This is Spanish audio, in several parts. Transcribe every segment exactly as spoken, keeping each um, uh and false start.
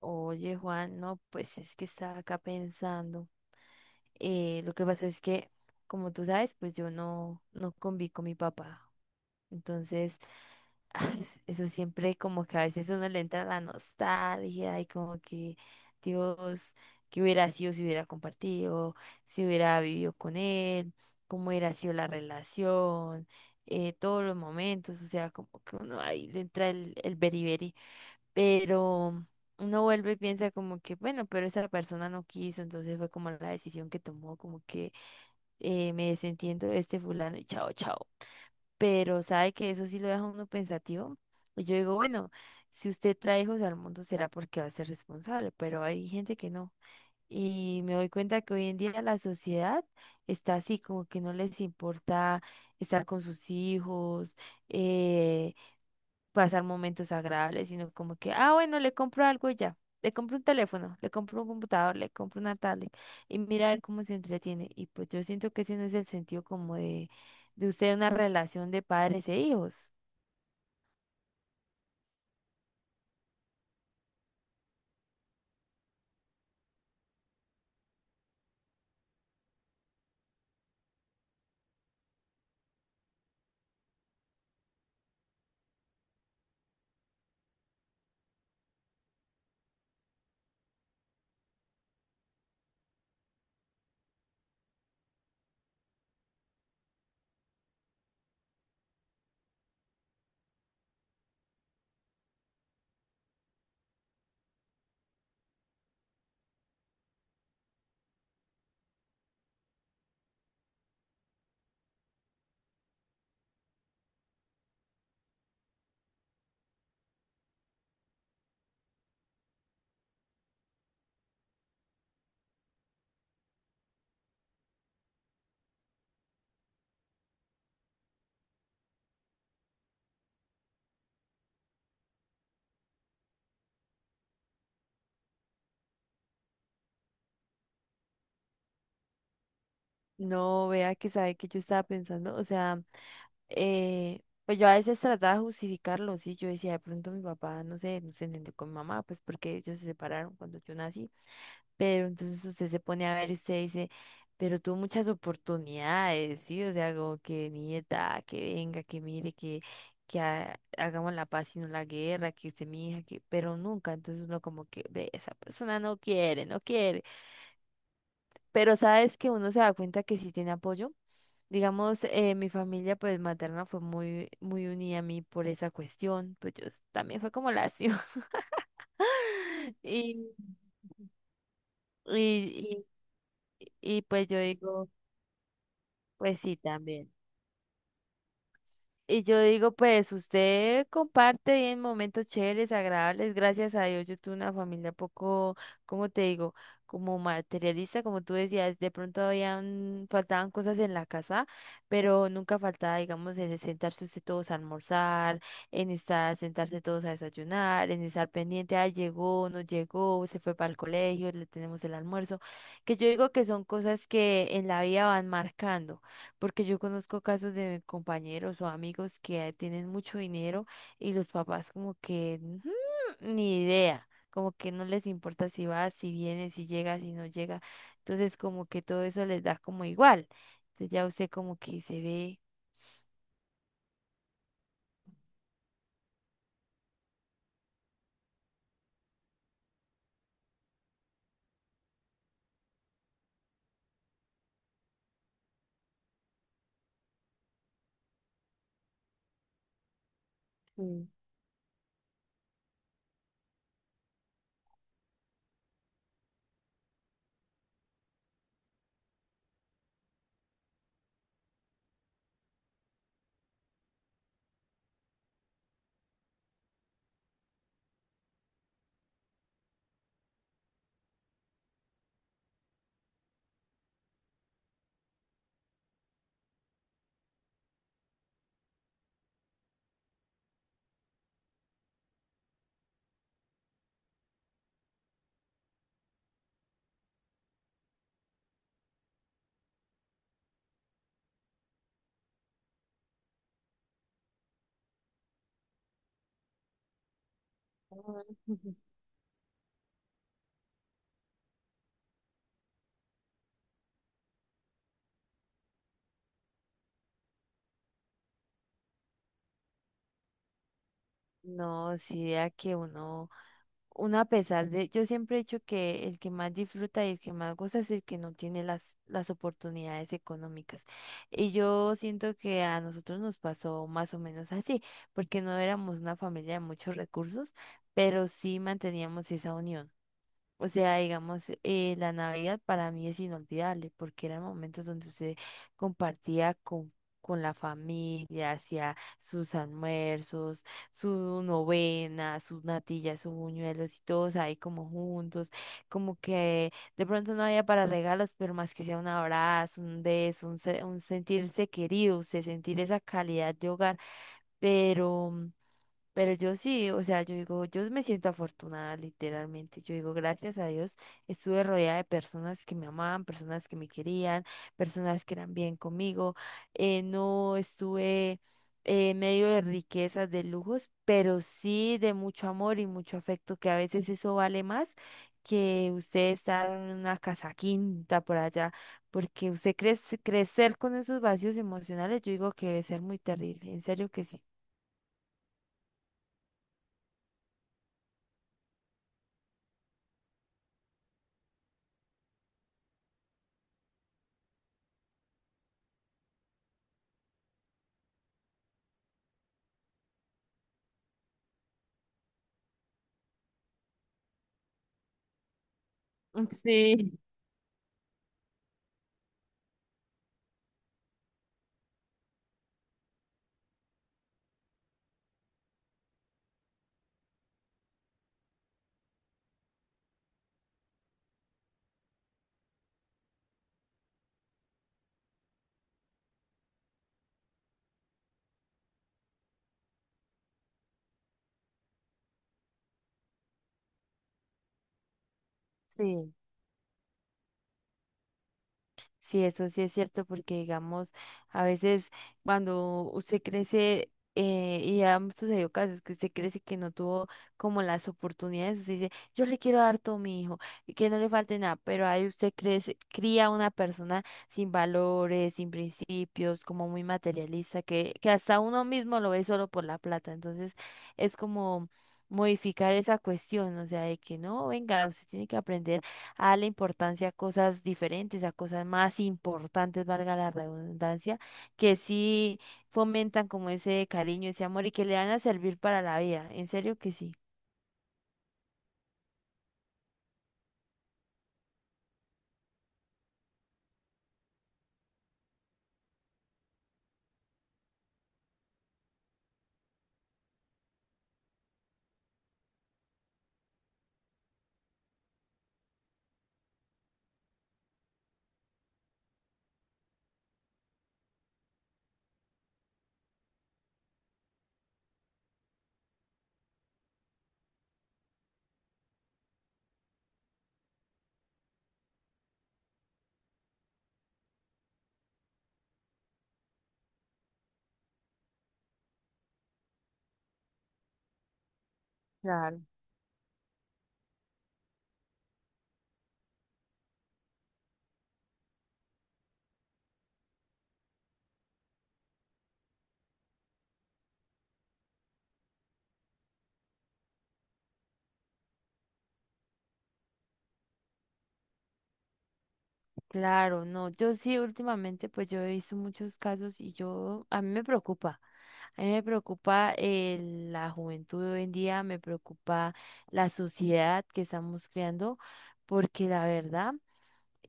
Oye, Juan, no, pues es que estaba acá pensando. Eh, lo que pasa es que, como tú sabes, pues yo no, no conví con mi papá. Entonces, eso siempre como que a veces uno le entra la nostalgia y como que, Dios, qué hubiera sido si hubiera compartido, si hubiera vivido con él, cómo hubiera sido la relación, eh, todos los momentos, o sea, como que uno ahí le entra el, el beriberi. Pero uno vuelve y piensa como que, bueno, pero esa persona no quiso, entonces fue como la decisión que tomó, como que eh, me desentiendo de este fulano y chao, chao. Pero sabe que eso sí lo deja uno pensativo. Y yo digo, bueno, si usted trae hijos al mundo será porque va a ser responsable, pero hay gente que no. Y me doy cuenta que hoy en día la sociedad está así, como que no les importa estar con sus hijos, eh, pasar momentos agradables, sino como que, ah, bueno, le compro algo y ya. Le compro un teléfono, le compro un computador, le compro una tablet y mirar cómo se entretiene. Y pues yo siento que ese no es el sentido como de, de usted una relación de padres e hijos. No, vea que sabe que yo estaba pensando, o sea, eh, pues yo a veces trataba de justificarlo, sí, yo decía, de pronto mi papá, no sé, no se entendió con mi mamá, pues porque ellos se separaron cuando yo nací. Pero entonces usted se pone a ver y usted dice, pero tuvo muchas oportunidades, ¿sí? O sea, como que nieta, que venga, que mire, que, que ha- hagamos la paz y no la guerra, que usted mi hija, que, pero nunca. Entonces uno como que ve, esa persona no quiere, no quiere. Pero sabes que uno se da cuenta que sí tiene apoyo. Digamos, eh, mi familia pues materna fue muy, muy unida a mí por esa cuestión. Pues yo s- también fue como lacio. Y, y, y, y pues yo digo, pues sí, también. Y yo digo, pues usted comparte y en momentos chéveres, agradables, gracias a Dios. Yo tuve una familia poco, ¿cómo te digo? Como materialista, como tú decías, de pronto habían, faltaban cosas en la casa, pero nunca faltaba, digamos, en sentarse usted todos a almorzar, en estar, sentarse todos a desayunar, en estar pendiente, ah, llegó, no llegó, se fue para el colegio, le tenemos el almuerzo, que yo digo que son cosas que en la vida van marcando. Porque yo conozco casos de compañeros o amigos que tienen mucho dinero y los papás como que "Ujú, ni idea", como que no les importa si va, si viene, si llega, si no llega. Entonces como que todo eso les da como igual. Entonces ya usted como que se ve. Sí. No, si vea que uno, uno a pesar de, yo siempre he dicho que el que más disfruta y el que más goza es el que no tiene las, las oportunidades económicas. Y yo siento que a nosotros nos pasó más o menos así, porque no éramos una familia de muchos recursos, pero sí manteníamos esa unión. O sea, digamos, eh, la Navidad para mí es inolvidable porque eran momentos donde usted compartía con, con la familia, hacía sus almuerzos, su novena, sus natillas, sus buñuelos y todos ahí como juntos, como que de pronto no había para regalos, pero más que sea un abrazo, un beso, un, se- un sentirse querido, usted sentir esa calidad de hogar, pero... Pero yo sí, o sea, yo digo, yo me siento afortunada literalmente. Yo digo, gracias a Dios estuve rodeada de personas que me amaban, personas que me querían, personas que eran bien conmigo. Eh, no estuve eh, en medio de riquezas, de lujos, pero sí de mucho amor y mucho afecto, que a veces eso vale más que usted estar en una casa quinta por allá, porque usted crece, crecer con esos vacíos emocionales, yo digo que debe ser muy terrible, en serio que sí. Sí. Sí, sí, eso sí es cierto, porque digamos, a veces cuando usted crece, eh, y ya han sucedido casos que usted crece que no tuvo como las oportunidades, usted dice, yo le quiero dar todo a mi hijo, y que no le falte nada, pero ahí usted crece, cría una persona sin valores, sin principios, como muy materialista, que, que hasta uno mismo lo ve solo por la plata. Entonces, es como modificar esa cuestión, o sea, de que no, venga, usted tiene que aprender a la importancia a cosas diferentes, a cosas más importantes, valga la redundancia, que sí fomentan como ese cariño, ese amor y que le van a servir para la vida. En serio que sí. Claro. Claro, no, yo sí últimamente pues yo he visto muchos casos y yo, a mí me preocupa, a mí me preocupa eh, la juventud de hoy en día, me preocupa la sociedad que estamos creando, porque la verdad...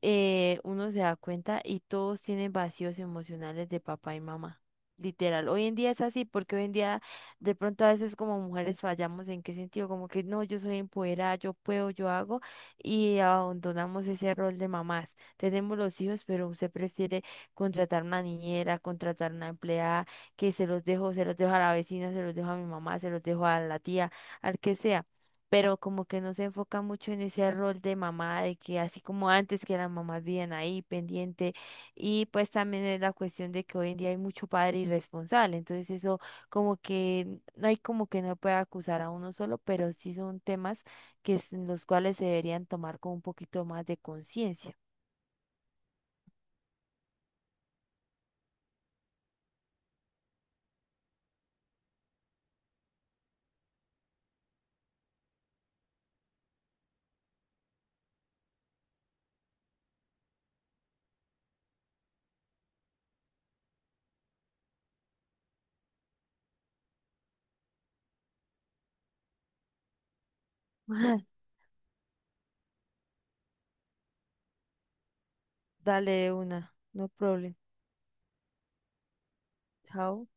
eh, uno se da cuenta y todos tienen vacíos emocionales de papá y mamá. Literal, hoy en día es así porque hoy en día de pronto a veces como mujeres fallamos en qué sentido, como que no, yo soy empoderada, yo puedo, yo hago y abandonamos ese rol de mamás. Tenemos los hijos, pero usted prefiere contratar una niñera, contratar una empleada, que se los dejo, se los dejo a la vecina, se los dejo a mi mamá, se los dejo a la tía, al que sea, pero como que no se enfoca mucho en ese rol de mamá, de que así como antes que las mamás vivían ahí pendiente, y pues también es la cuestión de que hoy en día hay mucho padre irresponsable, entonces eso como que no hay, como que no puede acusar a uno solo, pero sí son temas que es- en los cuales se deberían tomar con un poquito más de conciencia. Dale de una, no problem. Chao.